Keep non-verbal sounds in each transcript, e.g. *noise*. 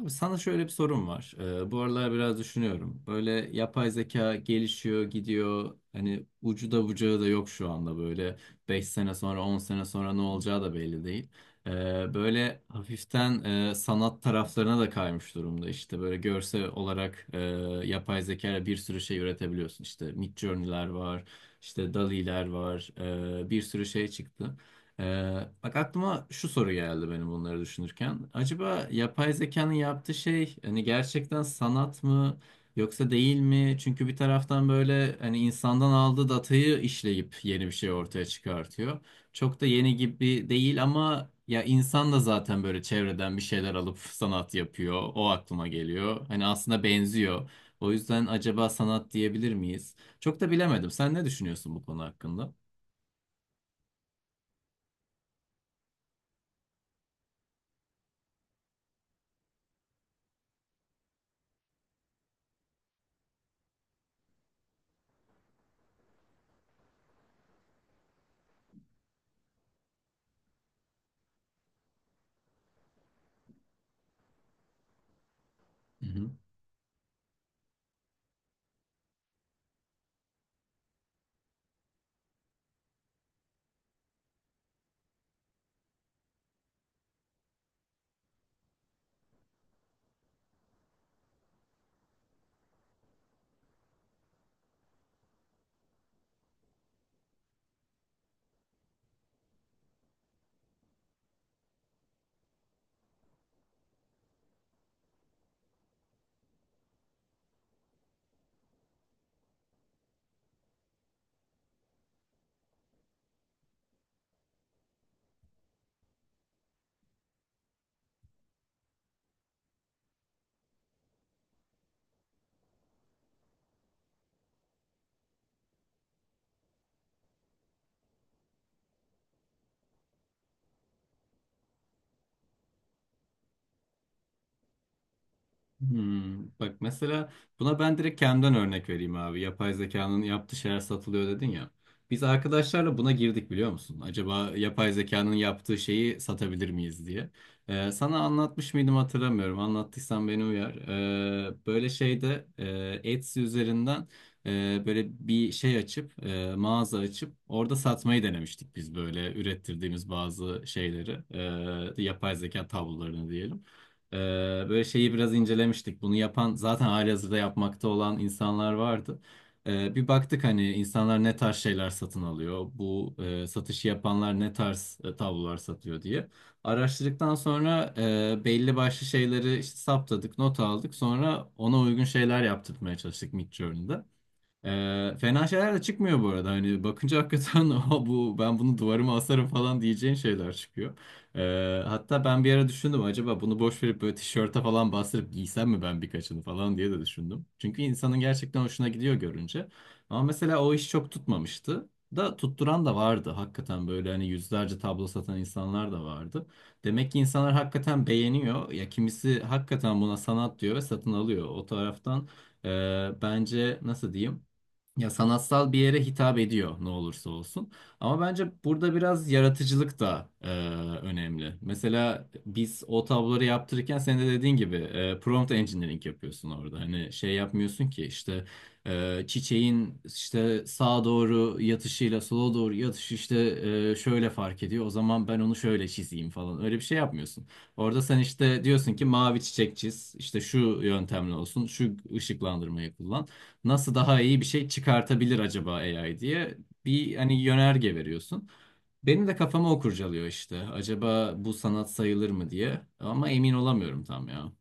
Abi sana şöyle bir sorum var. Bu aralar biraz düşünüyorum. Böyle yapay zeka gelişiyor, gidiyor. Hani ucu da bucağı da yok şu anda böyle. 5 sene sonra, 10 sene sonra ne olacağı da belli değil. Ee, böyle hafiften sanat taraflarına da kaymış durumda işte. Böyle görsel olarak yapay zeka ile bir sürü şey üretebiliyorsun. İşte Midjourney'ler var, işte DALL-E'ler var. Bir sürü şey çıktı. Bak aklıma şu soru geldi benim bunları düşünürken. Acaba yapay zekanın yaptığı şey hani gerçekten sanat mı yoksa değil mi? Çünkü bir taraftan böyle hani insandan aldığı datayı işleyip yeni bir şey ortaya çıkartıyor. Çok da yeni gibi değil ama ya insan da zaten böyle çevreden bir şeyler alıp sanat yapıyor. O aklıma geliyor. Hani aslında benziyor. O yüzden acaba sanat diyebilir miyiz? Çok da bilemedim. Sen ne düşünüyorsun bu konu hakkında? Hmm, bak mesela buna ben direkt kendimden örnek vereyim abi. Yapay zekanın yaptığı şeyler satılıyor dedin ya. Biz arkadaşlarla buna girdik biliyor musun? Acaba yapay zekanın yaptığı şeyi satabilir miyiz diye. Sana anlatmış mıydım hatırlamıyorum. Anlattıysam beni uyar. Böyle şeyde Etsy üzerinden böyle bir şey açıp mağaza açıp orada satmayı denemiştik biz böyle ürettirdiğimiz bazı şeyleri. Yapay zeka tablolarını diyelim. Ee, böyle şeyi biraz incelemiştik. Bunu yapan zaten halihazırda yapmakta olan insanlar vardı. Bir baktık hani insanlar ne tarz şeyler satın alıyor. Bu satışı yapanlar ne tarz tablolar satıyor diye. Araştırdıktan sonra belli başlı şeyleri işte saptadık, not aldık. Sonra ona uygun şeyler yaptırmaya çalıştık Midjourney'de. Fena şeyler de çıkmıyor bu arada. Hani bakınca hakikaten *laughs* "Aa, bu ben bunu duvarıma asarım falan diyeceğin şeyler çıkıyor. Hatta ben bir ara düşündüm acaba bunu boş verip böyle tişörte falan bastırıp giysem mi ben birkaçını falan diye de düşündüm. Çünkü insanın gerçekten hoşuna gidiyor görünce. Ama mesela o iş çok tutmamıştı. Da tutturan da vardı hakikaten böyle hani yüzlerce tablo satan insanlar da vardı. Demek ki insanlar hakikaten beğeniyor. Ya kimisi hakikaten buna sanat diyor ve satın alıyor. O taraftan bence nasıl diyeyim? Ya sanatsal bir yere hitap ediyor ne olursa olsun. Ama bence burada biraz yaratıcılık da önemli. Mesela biz o tabloları yaptırırken sen de dediğin gibi prompt engineering yapıyorsun orada. Hani şey yapmıyorsun ki işte çiçeğin işte sağa doğru yatışıyla sola doğru yatışı işte şöyle fark ediyor. O zaman ben onu şöyle çizeyim falan. Öyle bir şey yapmıyorsun. Orada sen işte diyorsun ki mavi çiçek çiz. İşte şu yöntemle olsun. Şu ışıklandırmayı kullan nasıl daha iyi bir şey çıkartabilir acaba AI diye bir hani yönerge veriyorsun. Benim de kafama o kurcalıyor işte. Acaba bu sanat sayılır mı diye. Ama emin olamıyorum tam ya.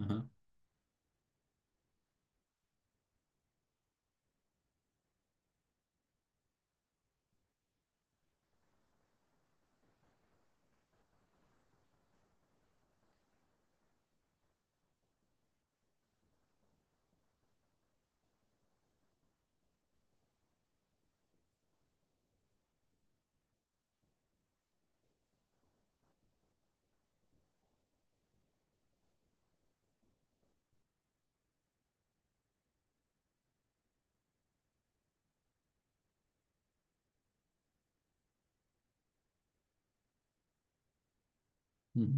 Aha. Hı hı.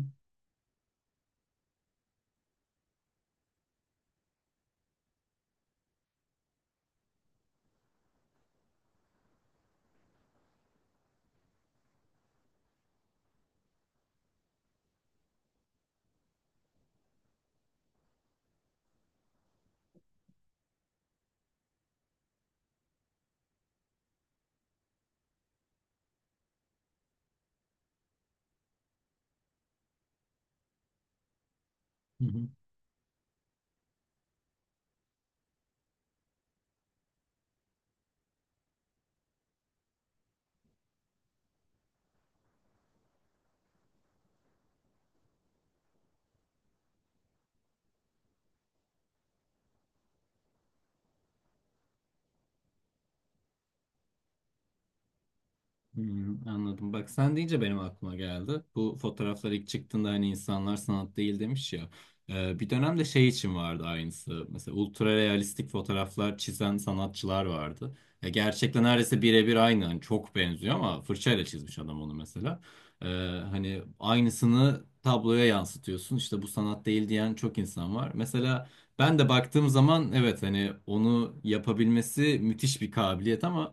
Hı hı. Hmm, anladım. Bak sen deyince benim aklıma geldi. Bu fotoğraflar ilk çıktığında hani insanlar sanat değil demiş ya. Bir dönemde şey için vardı aynısı. Mesela ultra realistik fotoğraflar çizen sanatçılar vardı. Ya gerçekten neredeyse birebir aynı. Hani çok benziyor ama fırçayla çizmiş adam onu mesela. Ee, hani aynısını tabloya yansıtıyorsun. İşte bu sanat değil diyen çok insan var. Mesela ben de baktığım zaman evet hani onu yapabilmesi müthiş bir kabiliyet ama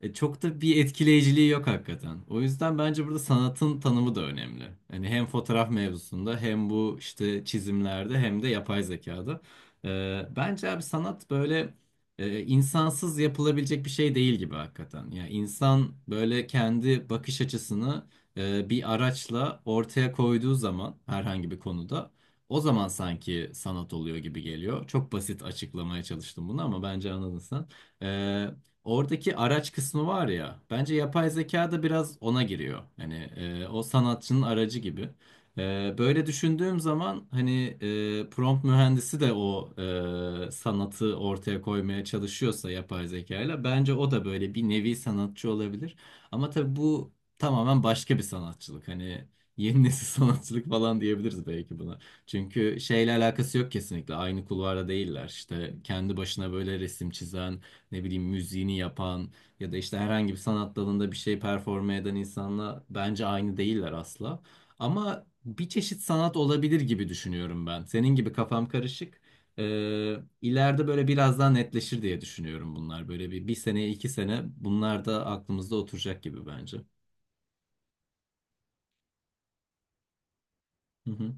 çok da bir etkileyiciliği yok hakikaten. O yüzden bence burada sanatın tanımı da önemli. Hani hem fotoğraf mevzusunda hem bu işte çizimlerde hem de yapay zekada. Bence abi sanat böyle insansız yapılabilecek bir şey değil gibi hakikaten. Yani insan böyle kendi bakış açısını bir araçla ortaya koyduğu zaman herhangi bir konuda o zaman sanki sanat oluyor gibi geliyor. Çok basit açıklamaya çalıştım bunu ama bence anladın sen. Ee, Oradaki araç kısmı var ya, bence yapay zeka da biraz ona giriyor. Hani o sanatçının aracı gibi. Böyle düşündüğüm zaman hani prompt mühendisi de o sanatı ortaya koymaya çalışıyorsa yapay zekayla bence o da böyle bir nevi sanatçı olabilir. Ama tabii bu tamamen başka bir sanatçılık. Hani yeni nesil *laughs* sanatçılık falan diyebiliriz belki buna. Çünkü şeyle alakası yok kesinlikle. Aynı kulvarda değiller. İşte kendi başına böyle resim çizen ne bileyim müziğini yapan ya da işte herhangi bir sanat dalında bir şey performe eden insanla bence aynı değiller asla. Ama bir çeşit sanat olabilir gibi düşünüyorum ben. Senin gibi kafam karışık. İleride böyle biraz daha netleşir diye düşünüyorum bunlar. Böyle bir sene, iki sene bunlar da aklımızda oturacak gibi bence. Hı hı.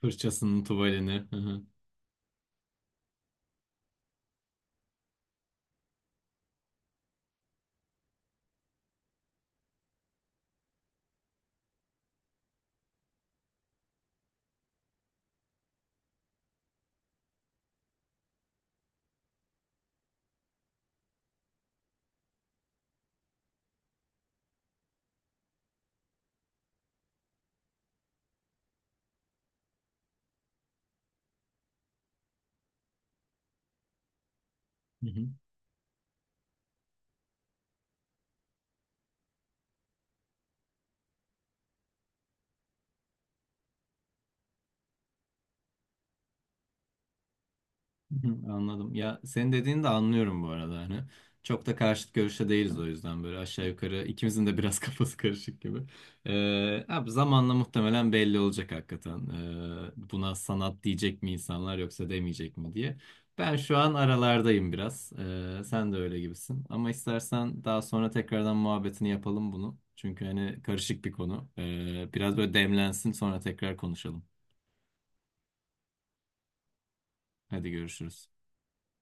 Fırçasının tuvalini. Hı hı. Hı hı. *laughs* Hı, anladım. Ya senin dediğini de anlıyorum bu arada hani. Çok da karşıt görüşte değiliz o yüzden böyle aşağı yukarı ikimizin de biraz *laughs* kafası karışık gibi. Abi zamanla muhtemelen belli olacak hakikaten. Buna sanat diyecek mi insanlar yoksa demeyecek mi diye. Ben şu an aralardayım biraz. Sen de öyle gibisin. Ama istersen daha sonra tekrardan muhabbetini yapalım bunu. Çünkü hani karışık bir konu. Biraz böyle demlensin sonra tekrar konuşalım. Hadi görüşürüz.